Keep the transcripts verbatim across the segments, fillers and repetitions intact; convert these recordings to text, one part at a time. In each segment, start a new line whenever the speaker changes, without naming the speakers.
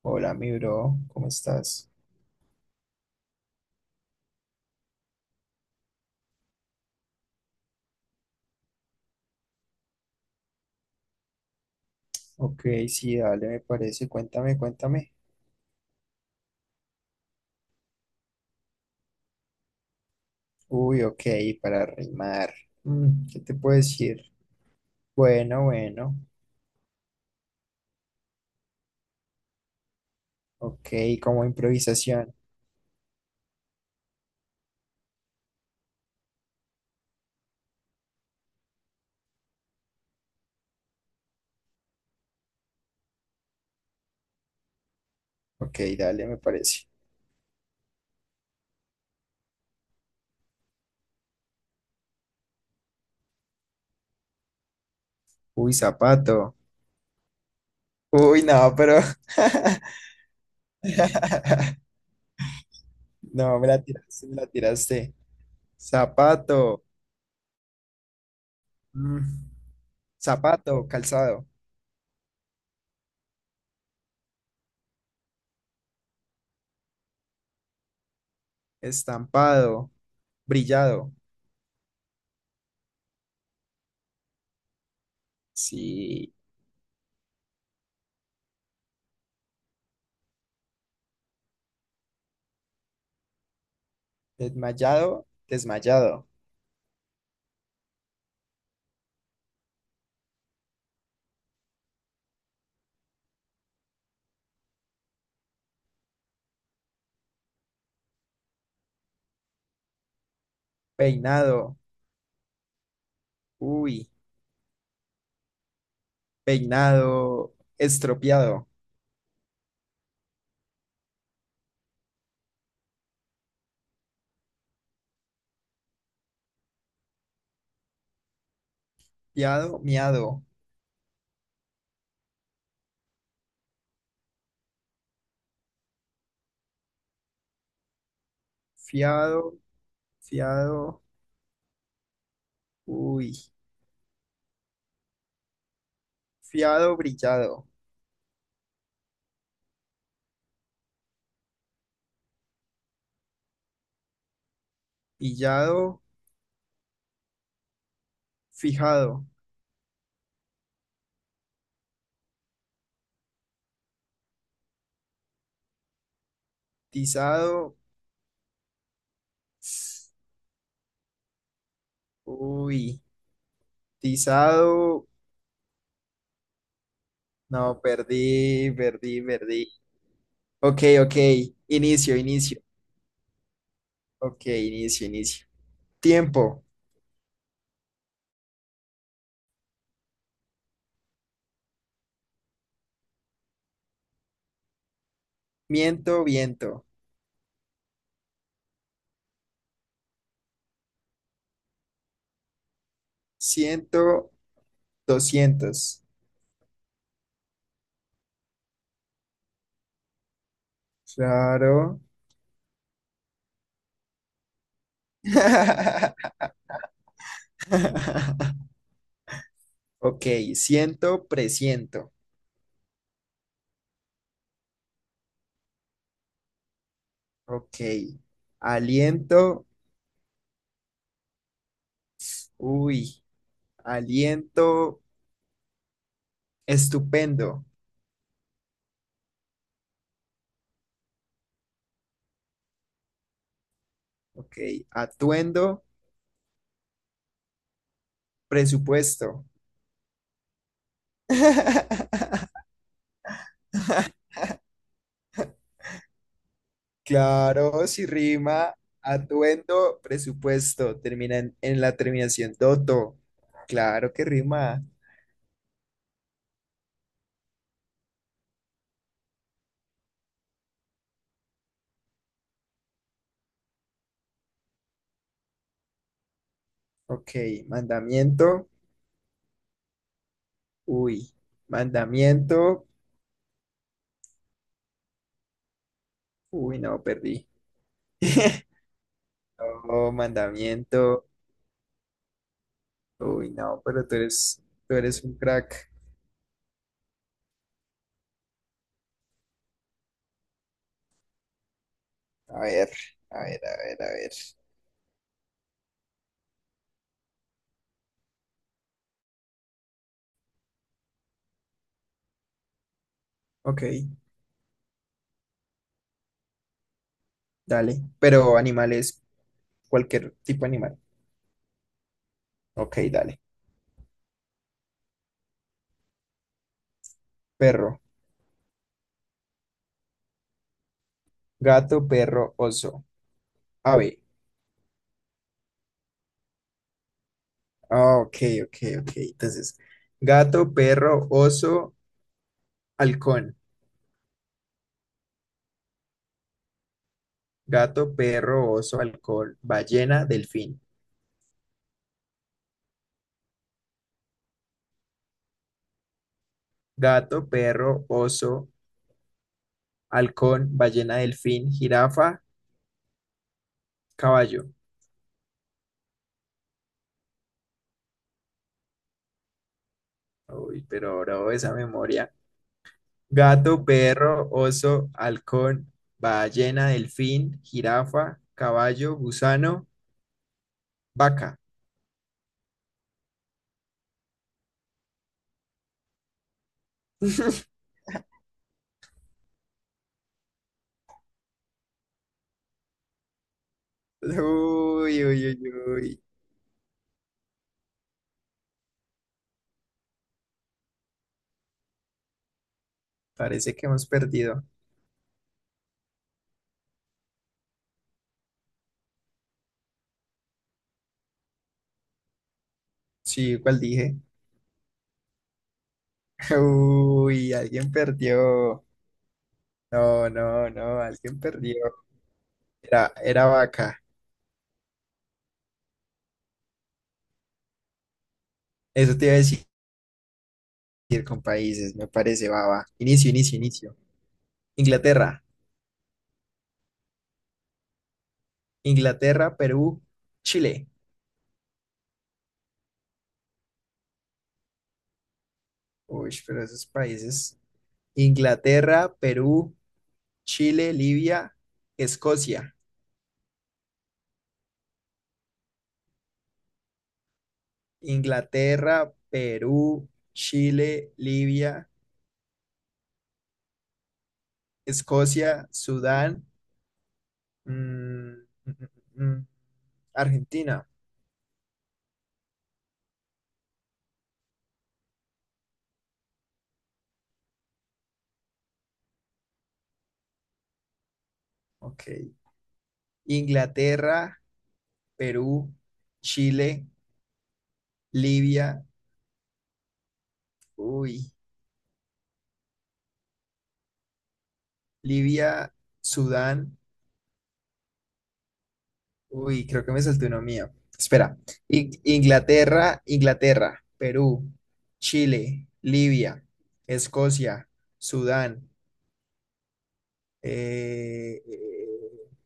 Hola, mi bro, ¿cómo estás? Ok, sí, dale, me parece. Cuéntame, cuéntame. Uy, ok, para rimar. Mm, ¿qué te puedo decir? Bueno, bueno. Ok, como improvisación. Ok, dale, me parece. Uy, zapato. Uy, no, pero. No, me la tiraste, me la tiraste. Zapato. Mm, zapato, calzado. Estampado, brillado. Sí. Desmayado, desmayado. Peinado, uy. Peinado, estropeado. Fiado, miado. Fiado, fiado, uy. Fiado, brillado. Pillado, fijado. Tizado, uy. Tizado, no, perdí, perdí, perdí. Ok, ok. Inicio, inicio. Ok, inicio, inicio. Tiempo. Miento, viento. Ciento, doscientos. Claro. Ujú. Ok, siento, presiento. Ok, aliento, uy, aliento, estupendo. Ok, atuendo, presupuesto. Claro, si rima, atuendo, presupuesto. Termina en, en la terminación doto. Claro que rima. Ok, mandamiento, uy, mandamiento, uy, no, perdí. Oh, mandamiento. Uy, no, pero tú eres, tú eres un crack. A ver, a ver, a ver, a ver. Ok, dale. Pero animales, cualquier tipo de animal. Ok, dale. Perro, gato, perro, oso, ave. Ah, ok, ok, ok. Entonces, gato, perro, oso, halcón. Gato, perro, oso, halcón, ballena, delfín. Gato, perro, oso, halcón, ballena, delfín, jirafa, caballo. Uy, pero bro, esa memoria. Gato, perro, oso, halcón, ballena, delfín, jirafa, caballo, gusano, vaca. Uy, uy, uy, uy. Parece que hemos perdido. Sí, ¿cuál dije? Uy, alguien perdió. No, no, no, alguien perdió. Era, era vaca. Eso te iba a decir con países, me parece, baba. Inicio, inicio, inicio. Inglaterra, Inglaterra, Perú, Chile. Uy, pero esos países. Inglaterra, Perú, Chile, Libia, Escocia. Inglaterra, Perú, Chile, Libia, Escocia, Sudán, mm, mm, mm, mm, Argentina. Ok. Inglaterra, Perú, Chile, Libia. Uy, Libia, Sudán. Uy, creo que me salté uno mío. Espera. In- Inglaterra, Inglaterra, Perú, Chile, Libia, Escocia, Sudán, eh, eh,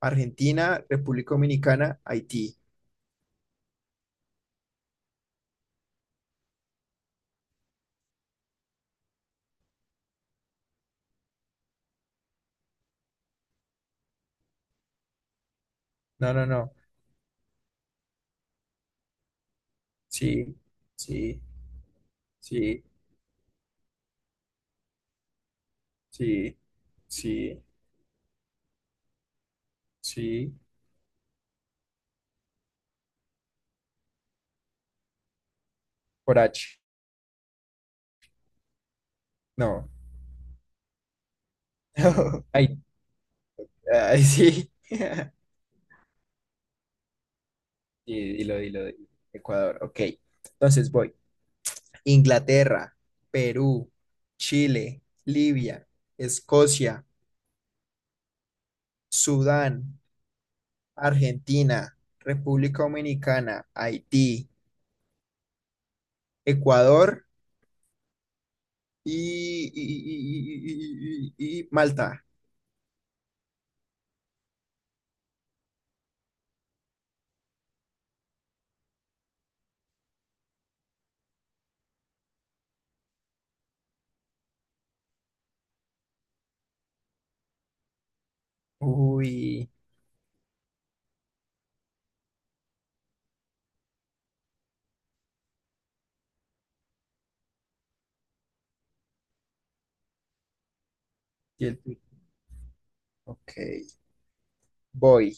Argentina, República Dominicana, Haití. No, no, no. Sí, sí, sí, sí, sí, sí. Por H. No. Ay, ay, sí. Y dilo, dilo, dilo. Ecuador. Ok. Entonces voy. Inglaterra, Perú, Chile, Libia, Escocia, Sudán, Argentina, República Dominicana, Haití, Ecuador y, y- y- y- y- y Malta. Uy, y el- ok. Voy.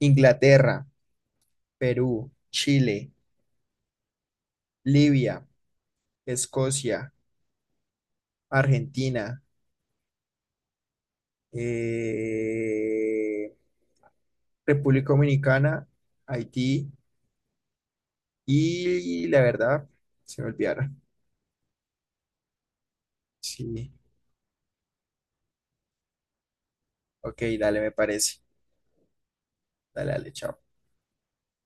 Inglaterra, Perú, Chile, Libia, Escocia, Argentina, eh, República Dominicana, Haití. Y la verdad, se me olvidaron. Sí, ok, dale, me parece. Dale, dale, chao.